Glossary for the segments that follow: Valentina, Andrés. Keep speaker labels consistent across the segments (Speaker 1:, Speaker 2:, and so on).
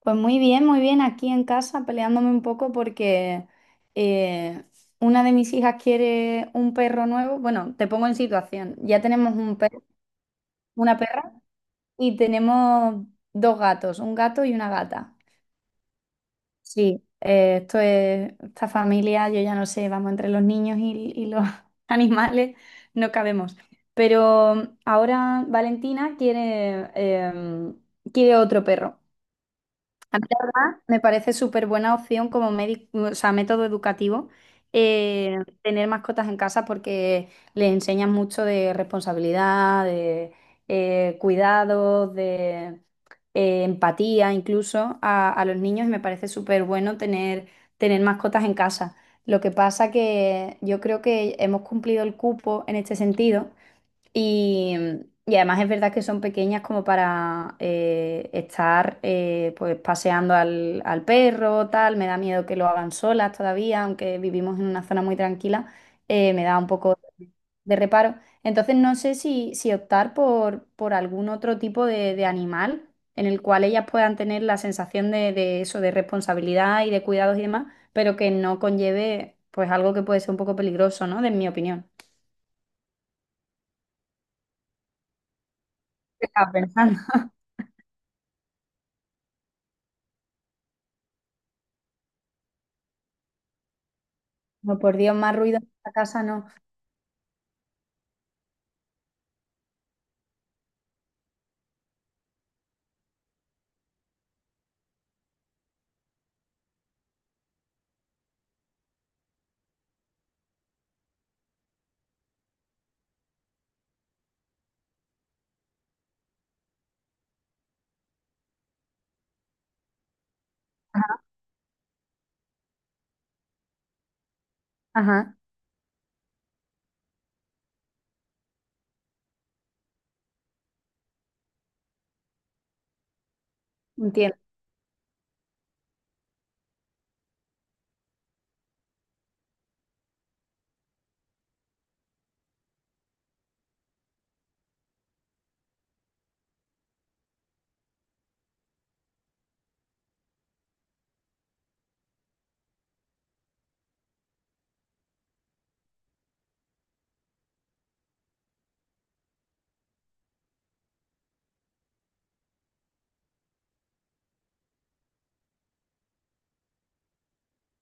Speaker 1: Pues muy bien, aquí en casa peleándome un poco porque eh, una de mis hijas quiere un perro nuevo. Bueno, te pongo en situación. Ya tenemos un perro, una perra y tenemos dos gatos, un gato y una gata. Sí, esta familia, yo ya no sé, vamos, entre los niños y los animales no cabemos. Pero ahora Valentina quiere otro perro. A mí, la me parece súper buena opción como o sea, método educativo tener mascotas en casa porque le enseñan mucho de responsabilidad, de cuidados, de empatía incluso a los niños y me parece súper bueno tener mascotas en casa. Lo que pasa que yo creo que hemos cumplido el cupo en este sentido y, y además es verdad que son pequeñas como para estar pues paseando al perro, tal. Me da miedo que lo hagan solas todavía, aunque vivimos en una zona muy tranquila, me da un poco de reparo. Entonces no sé si optar por algún otro tipo de animal en el cual ellas puedan tener la sensación de eso, de responsabilidad y de cuidados y demás, pero que no conlleve pues algo que puede ser un poco peligroso, ¿no? De mi opinión. ¿Qué estaba pensando? No, por Dios, más ruido en esta casa no. Ajá, ajá, entiendo.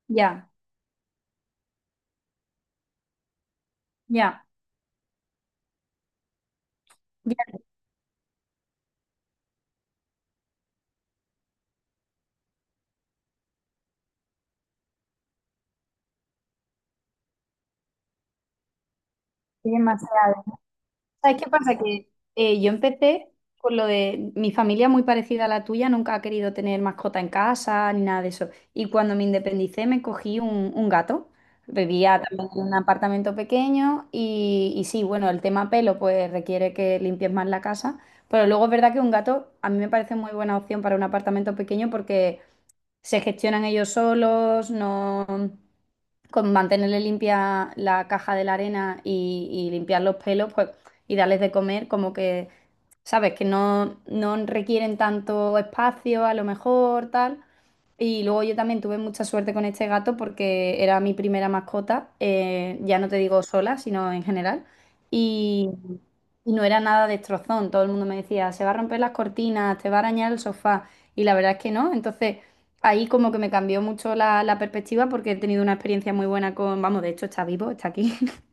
Speaker 1: Ya, ya, ya, es demasiado. ¿Sabes qué pasa? Que yo empecé con lo de mi familia muy parecida a la tuya, nunca ha querido tener mascota en casa ni nada de eso. Y cuando me independicé me cogí un gato. Vivía también en un apartamento pequeño y sí, bueno, el tema pelo pues requiere que limpies más la casa, pero luego es verdad que un gato a mí me parece muy buena opción para un apartamento pequeño porque se gestionan ellos solos, no con mantenerle limpia la caja de la arena y limpiar los pelos, pues, y darles de comer, como que, sabes, que no, no requieren tanto espacio, a lo mejor, tal. Y luego yo también tuve mucha suerte con este gato porque era mi primera mascota, ya no te digo sola, sino en general. Y, y no era nada destrozón, todo el mundo me decía, se va a romper las cortinas, te va a arañar el sofá. Y la verdad es que no. Entonces, ahí como que me cambió mucho la perspectiva porque he tenido una experiencia muy buena con, vamos, de hecho está vivo, está aquí.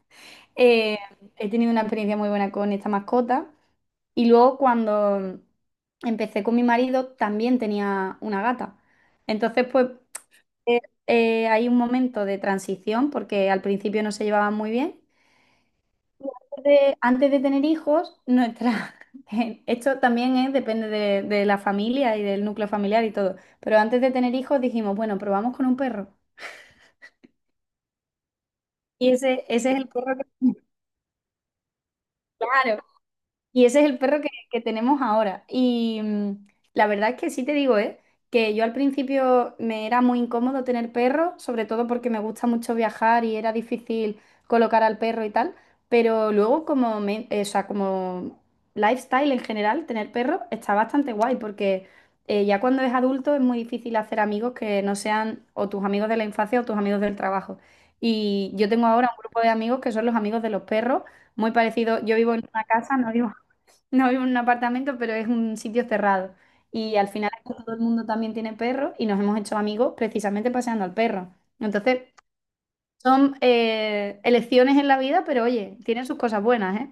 Speaker 1: Eh, he tenido una experiencia muy buena con esta mascota y luego cuando empecé con mi marido también tenía una gata. Entonces, pues eh, hay un momento de transición porque al principio no se llevaban muy bien. Antes de tener hijos, nuestra esto también es, depende de la familia y del núcleo familiar y todo. Pero antes de tener hijos dijimos, bueno, probamos con un perro. Y ese es el perro que, claro, y ese es el perro que tenemos ahora. Y la verdad es que sí te digo, ¿eh? Que yo al principio me era muy incómodo tener perro, sobre todo porque me gusta mucho viajar y era difícil colocar al perro y tal. Pero luego como, o sea, como lifestyle en general, tener perro está bastante guay porque ya cuando es adulto es muy difícil hacer amigos que no sean o tus amigos de la infancia o tus amigos del trabajo. Y yo tengo ahora un grupo de amigos que son los amigos de los perros, muy parecido. Yo vivo en una casa, no vivo en un apartamento, pero es un sitio cerrado. Y al final aquí todo el mundo también tiene perro y nos hemos hecho amigos precisamente paseando al perro. Entonces, son elecciones en la vida, pero oye, tienen sus cosas buenas, ¿eh?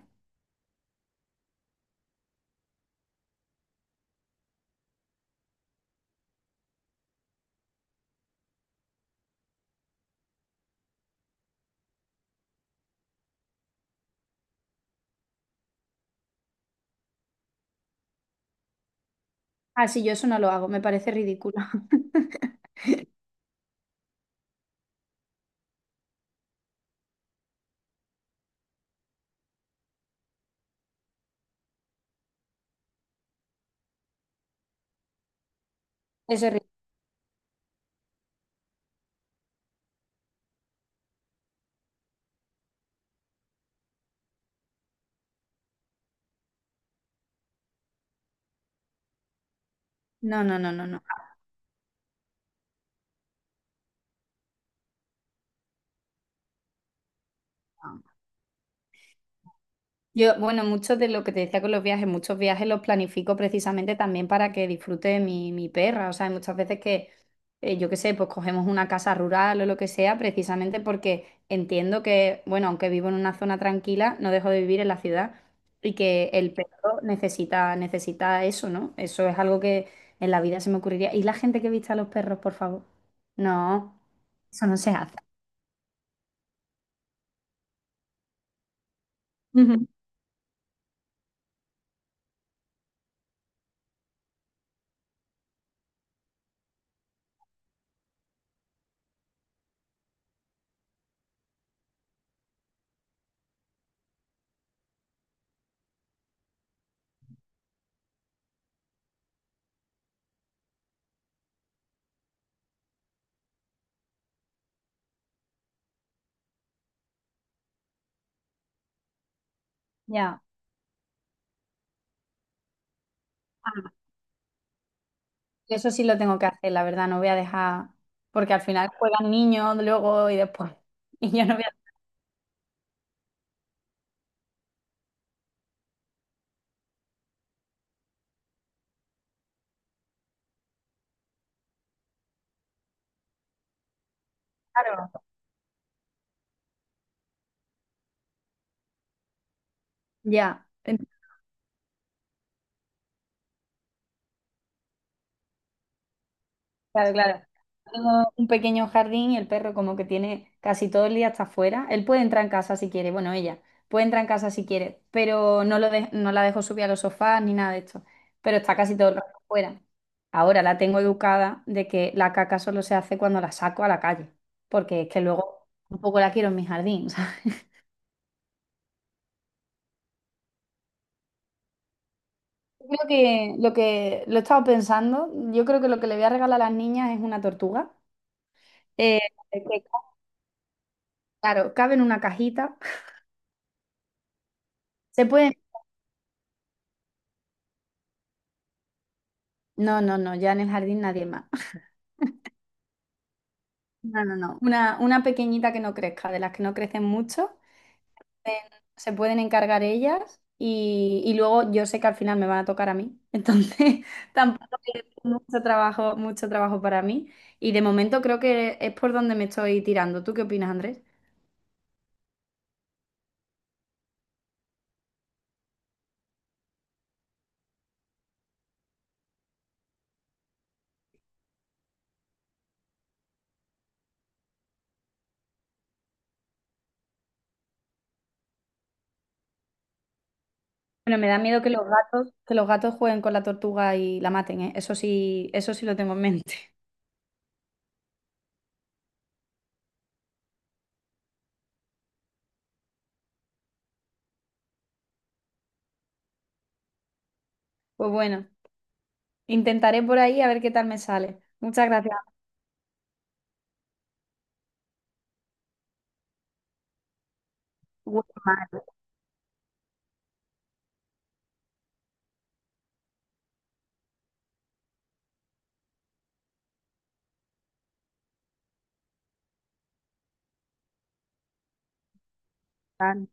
Speaker 1: Ah, sí, yo eso no lo hago, me parece ridículo. Eso es ri- No, no, no, no, no. Yo, bueno, muchos de lo que te decía con los viajes, muchos viajes los planifico precisamente también para que disfrute mi perra. O sea, hay muchas veces que, yo qué sé, pues cogemos una casa rural o lo que sea, precisamente porque entiendo que, bueno, aunque vivo en una zona tranquila, no dejo de vivir en la ciudad y que el perro necesita, necesita eso, ¿no? Eso es algo que en la vida se me ocurriría. ¿Y la gente que viste a los perros, por favor? No, eso no se hace. Ujú. Ya. Eso sí lo tengo que hacer, la verdad, no voy a dejar, porque al final juegan niños luego y después, y yo no voy a dejarlo. Ya, entonces, claro, claro. Tengo un pequeño jardín y el perro como que tiene casi todo el día hasta afuera. Él puede entrar en casa si quiere, bueno, ella puede entrar en casa si quiere, pero no, no la dejo subir a los sofás ni nada de esto, pero está casi todo el rato afuera. Ahora la tengo educada de que la caca solo se hace cuando la saco a la calle, porque es que luego un poco la quiero en mi jardín. Creo que lo he estado pensando, yo creo que lo que le voy a regalar a las niñas es una tortuga. Eh, que, claro, cabe en una cajita. Se puede. No, no, no, ya en el jardín nadie más. No, no, no. Una pequeñita que no crezca, de las que no crecen mucho. eh, se pueden encargar ellas y luego yo sé que al final me van a tocar a mí. Entonces, tampoco es mucho trabajo para mí. Y de momento creo que es por donde me estoy tirando. ¿Tú qué opinas, Andrés? Bueno, me da miedo que los gatos jueguen con la tortuga y la maten, ¿eh? Eso sí lo tengo en mente. Pues bueno, intentaré por ahí a ver qué tal me sale. Muchas gracias. Huele mal, tal.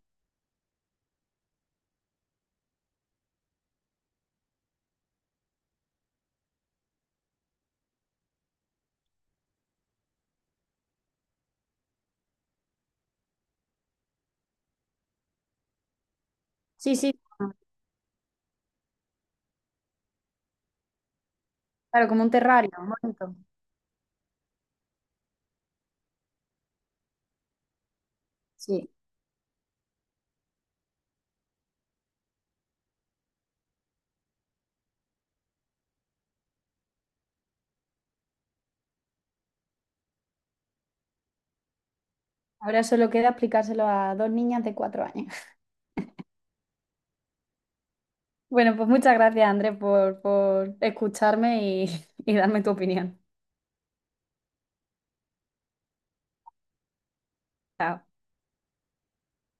Speaker 1: Sí, sí, claro, como un terrario, bonito. Sí. Ahora solo queda explicárselo a dos niñas de 4 años. Bueno, pues muchas gracias, Andrés, por escucharme y, y darme tu opinión. Chao.